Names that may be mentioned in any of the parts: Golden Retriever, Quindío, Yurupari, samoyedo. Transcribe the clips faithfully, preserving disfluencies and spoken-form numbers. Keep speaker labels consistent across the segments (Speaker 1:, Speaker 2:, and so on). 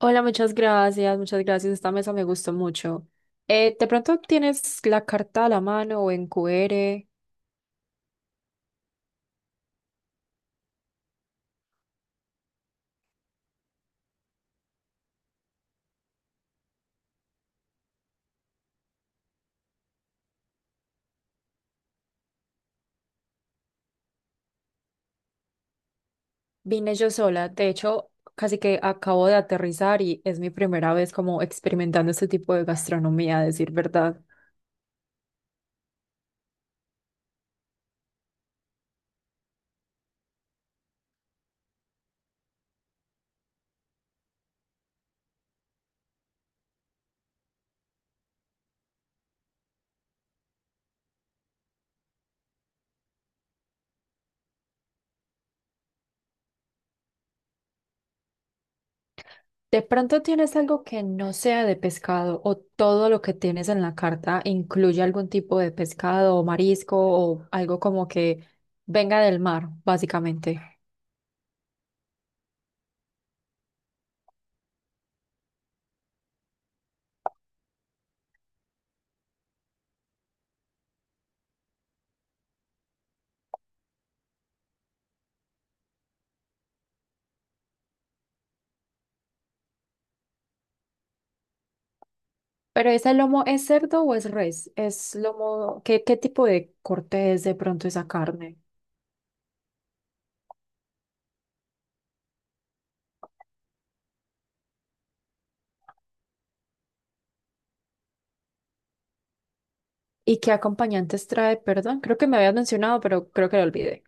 Speaker 1: Hola, muchas gracias, muchas gracias. Esta mesa me gustó mucho. Eh, de pronto tienes la carta a la mano o en Q R. Vine yo sola. De hecho, casi que acabo de aterrizar y es mi primera vez como experimentando este tipo de gastronomía, a decir verdad. De pronto tienes algo que no sea de pescado o todo lo que tienes en la carta incluye algún tipo de pescado o marisco o algo como que venga del mar, básicamente. ¿Pero ese lomo es cerdo o es res? ¿Es lomo? ¿Qué, qué tipo de corte es de pronto esa carne? ¿Y qué acompañantes trae? Perdón, creo que me habías mencionado, pero creo que lo olvidé.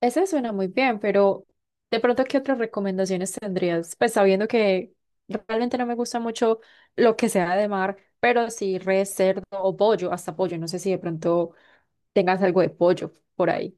Speaker 1: Ese suena muy bien, pero de pronto, ¿qué otras recomendaciones tendrías? Pues sabiendo que realmente no me gusta mucho lo que sea de mar, pero sí res, cerdo o pollo, hasta pollo. No sé si de pronto tengas algo de pollo por ahí.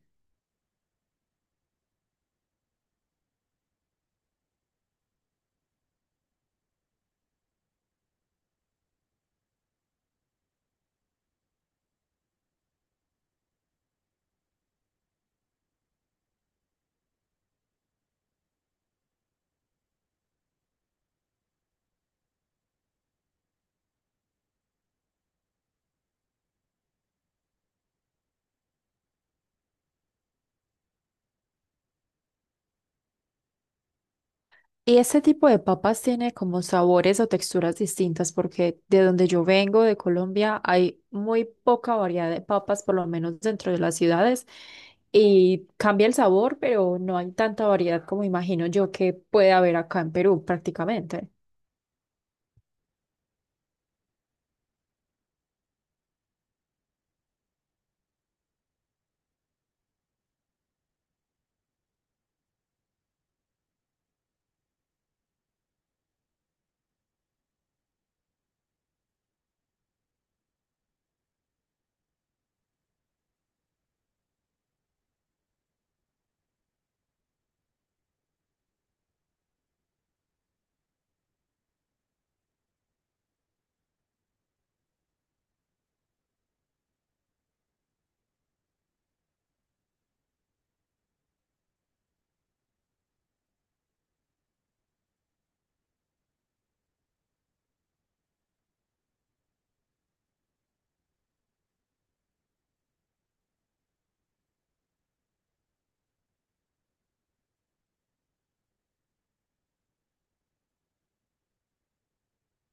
Speaker 1: Y este tipo de papas tiene como sabores o texturas distintas porque de donde yo vengo, de Colombia, hay muy poca variedad de papas, por lo menos dentro de las ciudades, y cambia el sabor, pero no hay tanta variedad como imagino yo que puede haber acá en Perú prácticamente.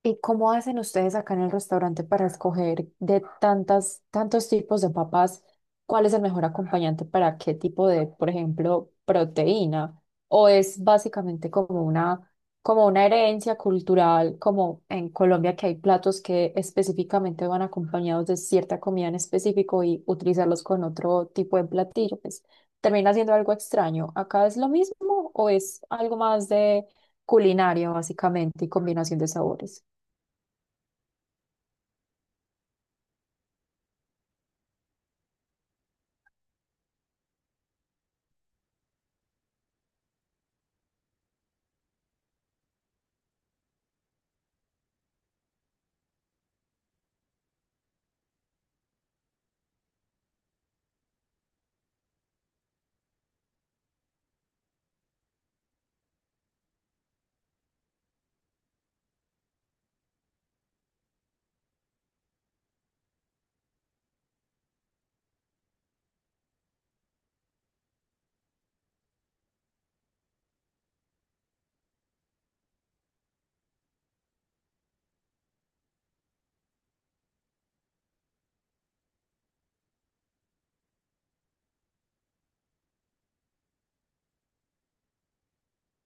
Speaker 1: ¿Y cómo hacen ustedes acá en el restaurante para escoger de tantas, tantos tipos de papas, cuál es el mejor acompañante para qué tipo de, por ejemplo, proteína? ¿O es básicamente como una, como una herencia cultural, como en Colombia que hay platos que específicamente van acompañados de cierta comida en específico y utilizarlos con otro tipo de platillo? Pues termina siendo algo extraño. ¿Acá es lo mismo o es algo más de culinario, básicamente, y combinación de sabores?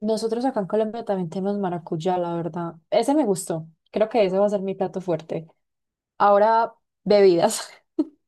Speaker 1: Nosotros acá en Colombia también tenemos maracuyá, la verdad. Ese me gustó. Creo que ese va a ser mi plato fuerte. Ahora, bebidas.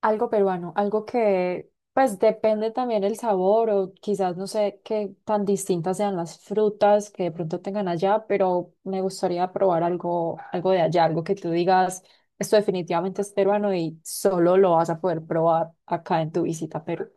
Speaker 1: Algo peruano, algo que pues depende también el sabor o quizás no sé qué tan distintas sean las frutas que de pronto tengan allá, pero me gustaría probar algo, algo de allá, algo que tú digas, esto definitivamente es peruano y solo lo vas a poder probar acá en tu visita a Perú.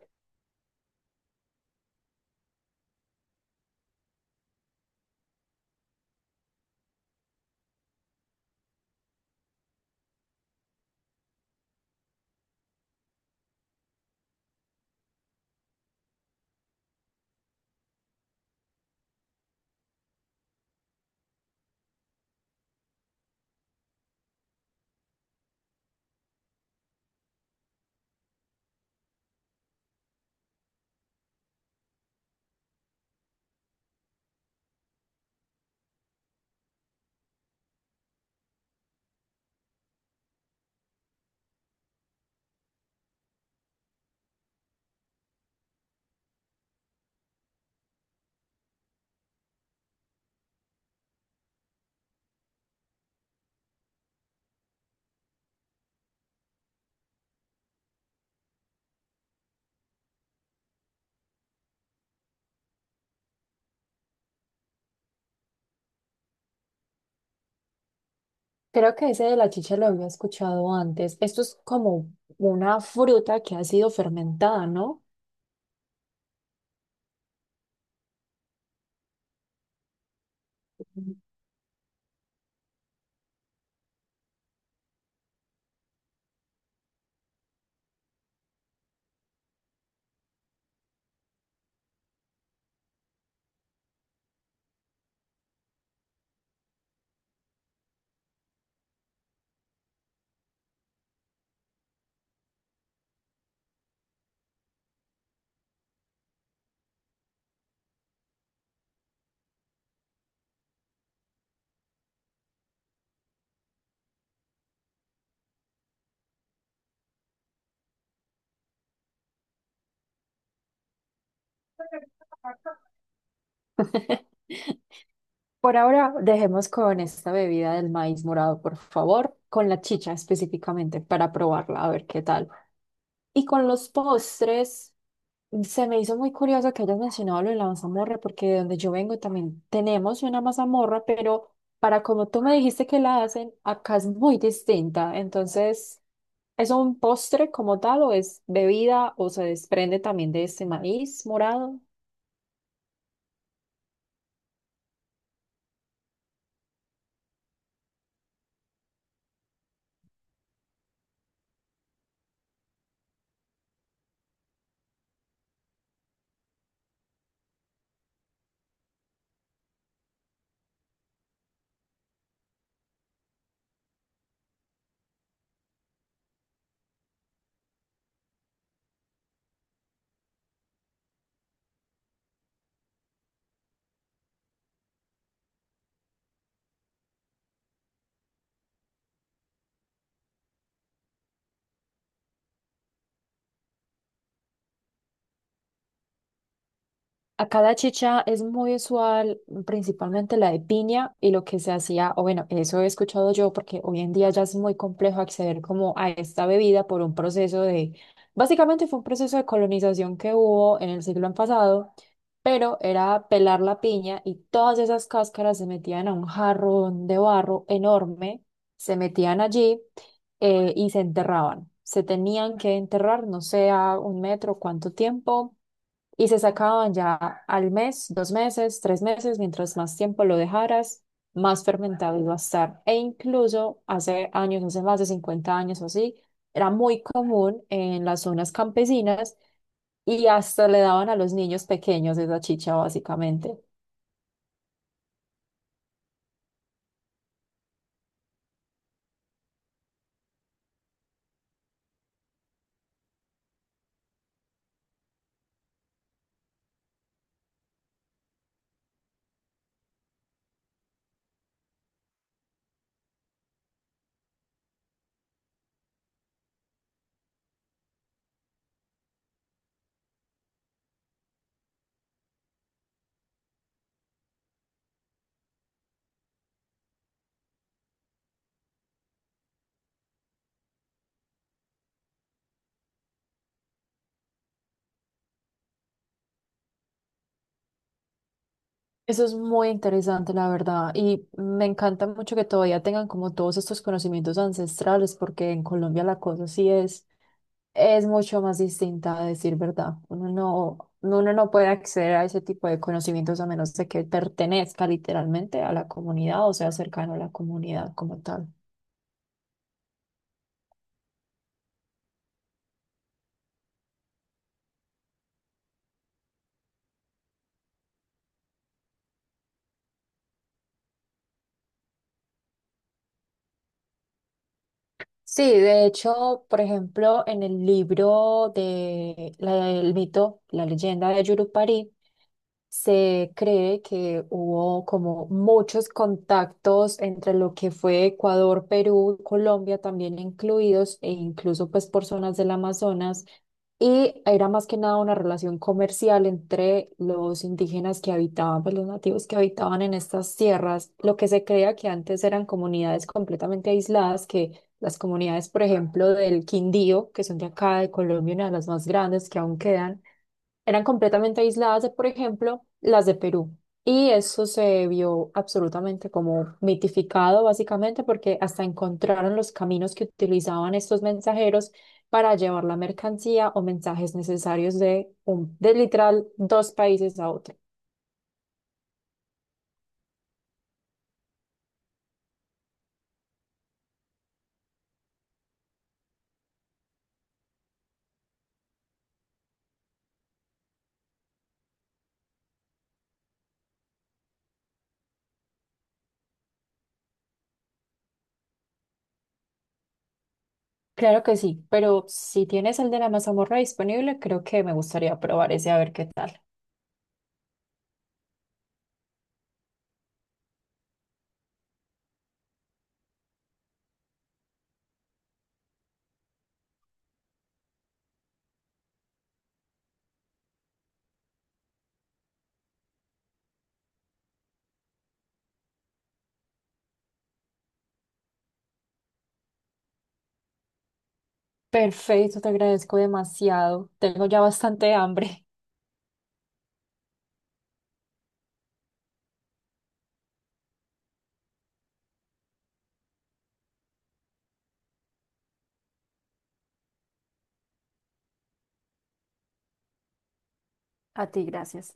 Speaker 1: Creo que ese de la chicha lo había escuchado antes. Esto es como una fruta que ha sido fermentada, ¿no? Por ahora, dejemos con esta bebida del maíz morado, por favor, con la chicha específicamente, para probarla, a ver qué tal. Y con los postres, se me hizo muy curioso que hayas mencionado lo de la mazamorra, porque de donde yo vengo también tenemos una mazamorra, pero para como tú me dijiste que la hacen, acá es muy distinta. Entonces, ¿es un postre como tal o es bebida o se desprende también de este maíz morado? Acá la chicha es muy usual, principalmente la de piña, y lo que se hacía, o bueno, eso he escuchado yo, porque hoy en día ya es muy complejo acceder como a esta bebida por un proceso de, básicamente fue un proceso de colonización que hubo en el siglo pasado, pero era pelar la piña y todas esas cáscaras se metían a un jarrón de barro enorme, se metían allí eh, y se enterraban. Se tenían que enterrar, no sé, a un metro, cuánto tiempo y se sacaban ya al mes, dos meses, tres meses, mientras más tiempo lo dejaras, más fermentado iba a estar. E incluso hace años, hace más de cincuenta años o así, era muy común en las zonas campesinas y hasta le daban a los niños pequeños esa chicha básicamente. Eso es muy interesante, la verdad, y me encanta mucho que todavía tengan como todos estos conocimientos ancestrales, porque en Colombia la cosa sí es, es mucho más distinta, a decir verdad. Uno no, uno no puede acceder a ese tipo de conocimientos a menos de que pertenezca literalmente a la comunidad o sea cercano a la comunidad como tal. Sí, de hecho, por ejemplo, en el libro de la, el mito, la leyenda de Yurupari, se cree que hubo como muchos contactos entre lo que fue Ecuador, Perú, Colombia también incluidos e incluso pues por zonas del Amazonas y era más que nada una relación comercial entre los indígenas que habitaban, pues los nativos que habitaban en estas tierras, lo que se creía que antes eran comunidades completamente aisladas que las comunidades, por ejemplo, del Quindío, que son de acá, de Colombia, una de las más grandes que aún quedan, eran completamente aisladas de, por ejemplo, las de Perú. Y eso se vio absolutamente como mitificado, básicamente, porque hasta encontraron los caminos que utilizaban estos mensajeros para llevar la mercancía o mensajes necesarios de, un, de literal dos países a otro. Claro que sí, pero si tienes el de la mazamorra disponible, creo que me gustaría probar ese a ver qué tal. Perfecto, te agradezco demasiado. Tengo ya bastante hambre. A ti, gracias.